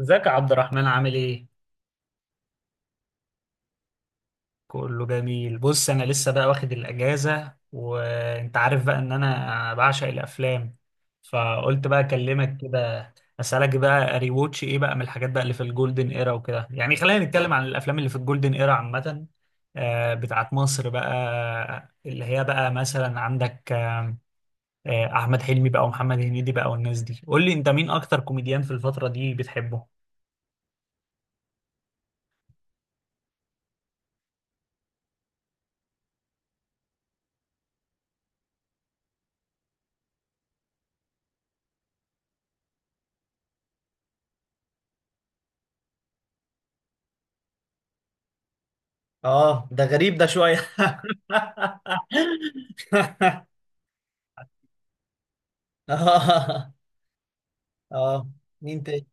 ازيك يا عبد الرحمن، عامل ايه؟ كله جميل. بص، انا لسه بقى واخد الاجازة، وانت عارف بقى ان انا بعشق الافلام، فقلت بقى اكلمك كده، اسالك بقى ري ووتش ايه بقى من الحاجات بقى اللي في الجولدن ايرا وكده. يعني خلينا نتكلم عن الافلام اللي في الجولدن ايرا عامة، بتاعت مصر بقى، اللي هي بقى مثلا عندك احمد حلمي بقى ومحمد هنيدي بقى والناس دي. قول لي انت، مين اكتر كوميديان في الفترة دي بتحبه؟ اه ده غريب ده شوية اه، اه، مين تاني؟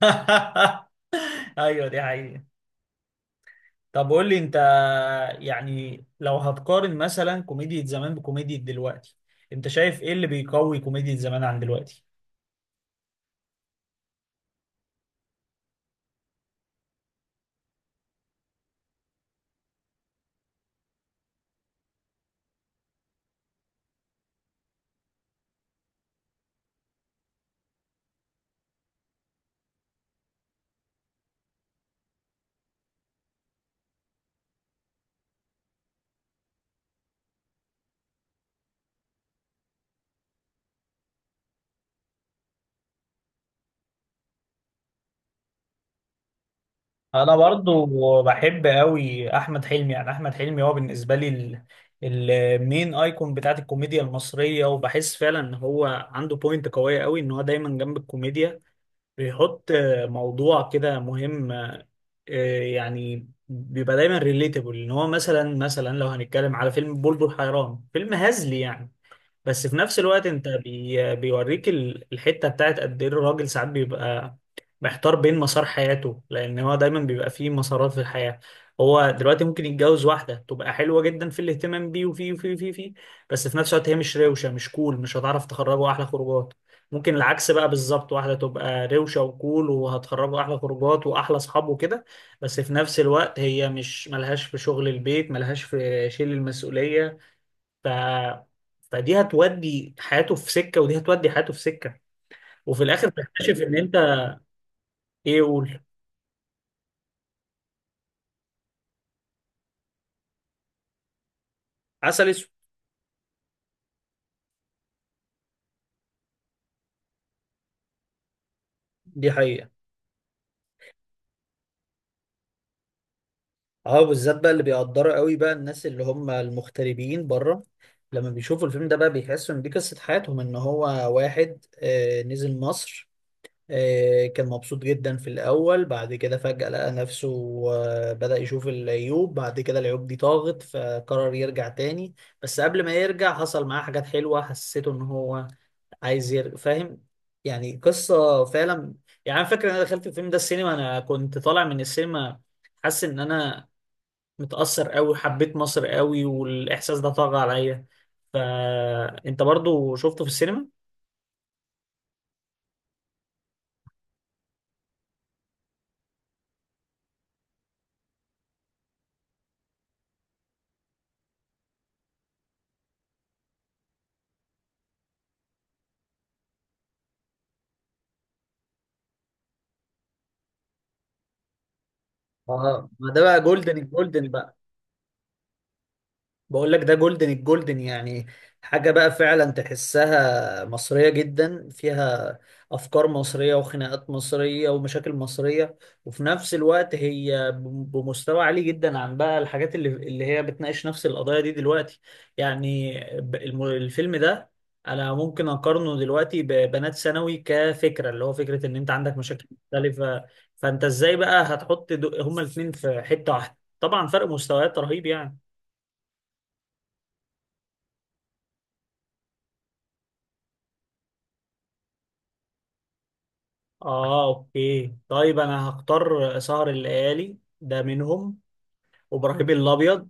ايوه، دي حقيقة. طب قول لي انت، يعني لو هتقارن مثلا كوميديا زمان بكوميديا دلوقتي، انت شايف ايه اللي بيقوي كوميديا زمان عن دلوقتي؟ انا برضو بحب قوي احمد حلمي، يعني احمد حلمي هو بالنسبة لي المين ايكون بتاعت الكوميديا المصرية، وبحس فعلا ان هو عنده بوينت قوية قوي ان هو دايما جنب الكوميديا بيحط موضوع كده مهم. يعني بيبقى دايما ريليتابل ان هو مثلا، لو هنتكلم على فيلم بلبل حيران، فيلم هزلي يعني، بس في نفس الوقت انت بيوريك الحتة بتاعت قد ايه الراجل ساعات بيبقى محتار بين مسار حياته، لان هو دايما بيبقى فيه مسارات في الحياه. هو دلوقتي ممكن يتجوز واحده تبقى حلوه جدا في الاهتمام بيه وفيه وفيه وفيه وفيه، بس في نفس الوقت هي مش روشه، مش كول، مش هتعرف تخرجه احلى خروجات. ممكن العكس بقى بالظبط، واحده تبقى روشه وكول وهتخرجه احلى خروجات واحلى اصحاب وكده، بس في نفس الوقت هي مش ملهاش في شغل البيت، ملهاش في شيل المسؤوليه. ف فدي هتودي حياته في سكه، ودي هتودي حياته في سكه، وفي الاخر تكتشف ان انت... ايه، قول. عسل اسود. دي حقيقة. اه بالذات بقى اللي بيقدروا قوي بقى الناس اللي هم المغتربين بره، لما بيشوفوا الفيلم ده بقى بيحسوا ان دي قصة حياتهم، ان هو واحد نزل مصر، كان مبسوط جدا في الاول، بعد كده فجأة لقى نفسه، بدأ يشوف العيوب، بعد كده العيوب دي طاغت فقرر يرجع تاني، بس قبل ما يرجع حصل معاه حاجات حلوة حسيته ان هو عايز يرجع، فاهم؟ يعني قصة فعلا. يعني أنا فاكر ان انا دخلت الفيلم ده السينما، انا كنت طالع من السينما حاسس ان انا متأثر قوي، حبيت مصر قوي، والإحساس ده طغى عليا. فأنت برضو شفته في السينما؟ اه، ما ده بقى جولدن الجولدن. بقول لك ده جولدن الجولدن، يعني حاجة بقى فعلا تحسها مصرية جدا، فيها أفكار مصرية وخناقات مصرية ومشاكل مصرية، وفي نفس الوقت هي بمستوى عالي جدا عن بقى الحاجات اللي هي بتناقش نفس القضايا دي دلوقتي. يعني الفيلم ده أنا ممكن أقارنه دلوقتي ببنات ثانوي كفكرة، اللي هو فكرة إن أنت عندك مشاكل مختلفة، فأنت إزاي بقى هتحط هما الاتنين في حتة واحدة؟ طبعا فرق مستويات رهيب يعني. اه اوكي، طيب انا هختار سهر الليالي ده منهم، وابراهيم الابيض،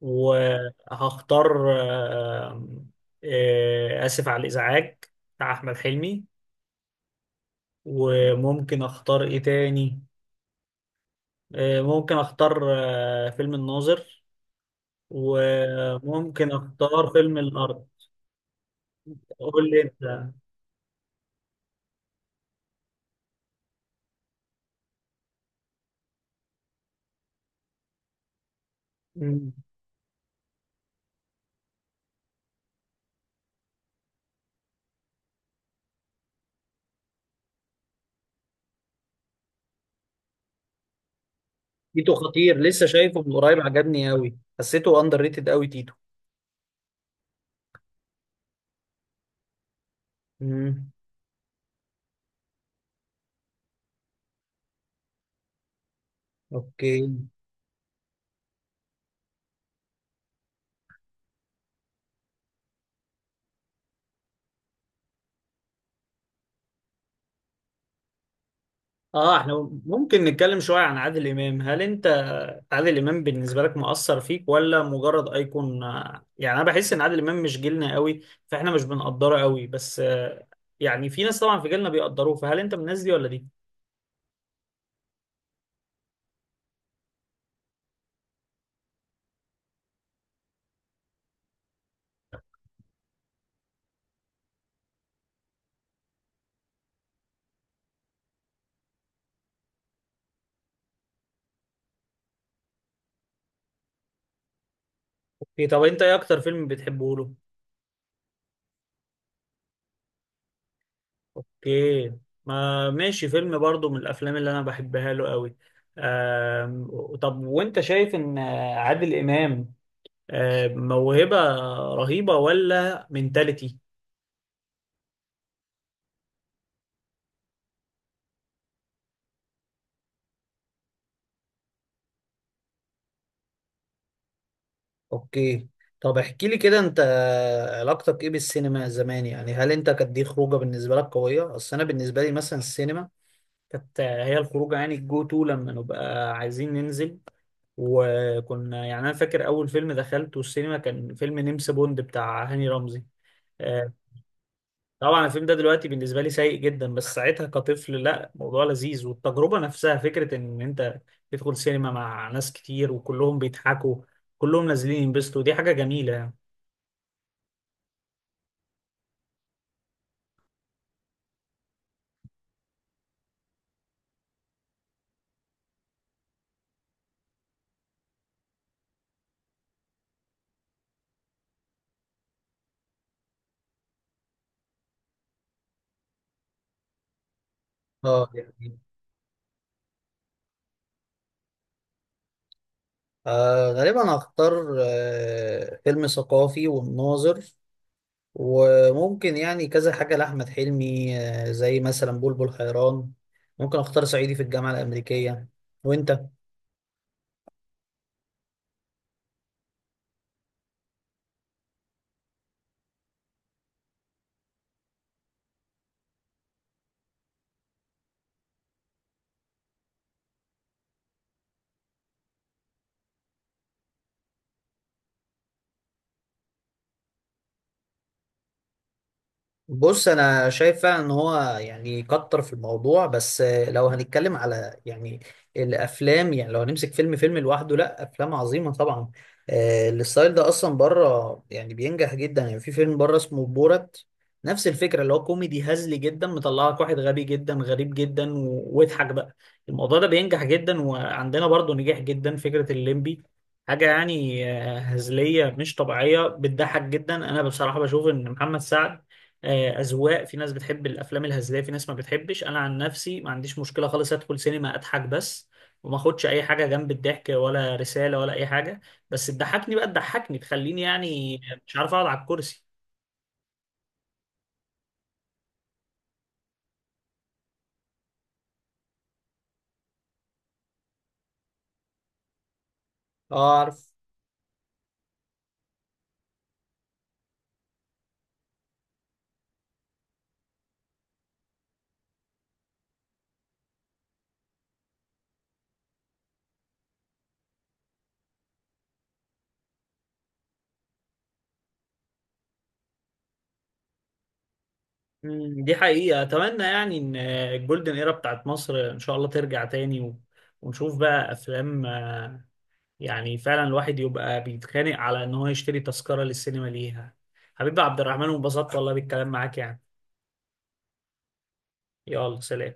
وهختار اسف على الازعاج، بتاع احمد حلمي. وممكن اختار ايه تاني؟ ممكن اختار فيلم الناظر، وممكن اختار فيلم الارض. قول لي انت. مم. تيتو خطير، لسه شايفه من قريب، عجبني قوي، حسيته اندر ريتد قوي تيتو. مم. اوكي. اه احنا ممكن نتكلم شوية عن عادل امام. هل انت عادل امام بالنسبة لك مؤثر فيك ولا مجرد ايكون؟ يعني انا بحس ان عادل امام مش جيلنا قوي، فاحنا مش بنقدره قوي، بس يعني في ناس طبعا في جيلنا بيقدروه، فهل انت من الناس دي ولا دي؟ اوكي، طب انت ايه اكتر فيلم بتحبه له؟ اوكي، ما ماشي، فيلم برضو من الافلام اللي انا بحبها له قوي. طب وانت شايف ان عادل امام موهبة رهيبة ولا منتاليتي؟ اوكي، طب احكي لي كده، انت علاقتك ايه بالسينما زمان؟ يعني هل انت كانت دي خروجه بالنسبه لك قويه؟ اصل انا بالنسبه لي مثلا السينما كانت هي الخروجه، يعني الجو تو لما نبقى عايزين ننزل، وكنا، يعني انا فاكر اول فيلم دخلته السينما كان فيلم نمس بوند بتاع هاني رمزي، آه، طبعا الفيلم ده دلوقتي بالنسبه لي سيء جدا، بس ساعتها كطفل لا، موضوع لذيذ، والتجربه نفسها فكره ان انت تدخل سينما مع ناس كتير وكلهم بيضحكوا، كلهم نازلين ينبسطوا، دي حاجه جميله يعني. اه دي حقيقة. غالبا هختار فيلم ثقافي والناظر، وممكن يعني كذا حاجة لأحمد حلمي، زي مثلا بلبل حيران، ممكن اختار صعيدي في الجامعة الأمريكية. وانت؟ بص، انا شايف فعلا ان هو يعني كتر في الموضوع، بس لو هنتكلم على يعني الافلام، يعني لو هنمسك فيلم فيلم لوحده، لا، افلام عظيمه طبعا. الستايل ده اصلا بره يعني بينجح جدا، يعني في فيلم بره اسمه بورت، نفس الفكره، اللي هو كوميدي هزلي جدا مطلع لك واحد غبي جدا غريب جدا واضحك بقى. الموضوع ده بينجح جدا، وعندنا برضه نجاح جدا فكره الليمبي، حاجة يعني هزلية مش طبيعية بتضحك جدا. أنا بصراحة بشوف إن محمد سعد اذواق، في ناس بتحب الافلام الهزليه، في ناس ما بتحبش. انا عن نفسي ما عنديش مشكله خالص، ادخل سينما اضحك بس، وما اخدش اي حاجه جنب الضحك ولا رساله ولا اي حاجه، بس تضحكني بقى، تضحكني تخليني يعني مش عارف اقعد على الكرسي. اه عارف. دي حقيقه، اتمنى يعني ان الجولدن ايرا بتاعت مصر ان شاء الله ترجع تاني، و... ونشوف بقى افلام، يعني فعلا الواحد يبقى بيتخانق على ان هو يشتري تذكره للسينما ليها. حبيبي عبد الرحمن، وانبسطت والله بالكلام معاك يعني. يلا، سلام.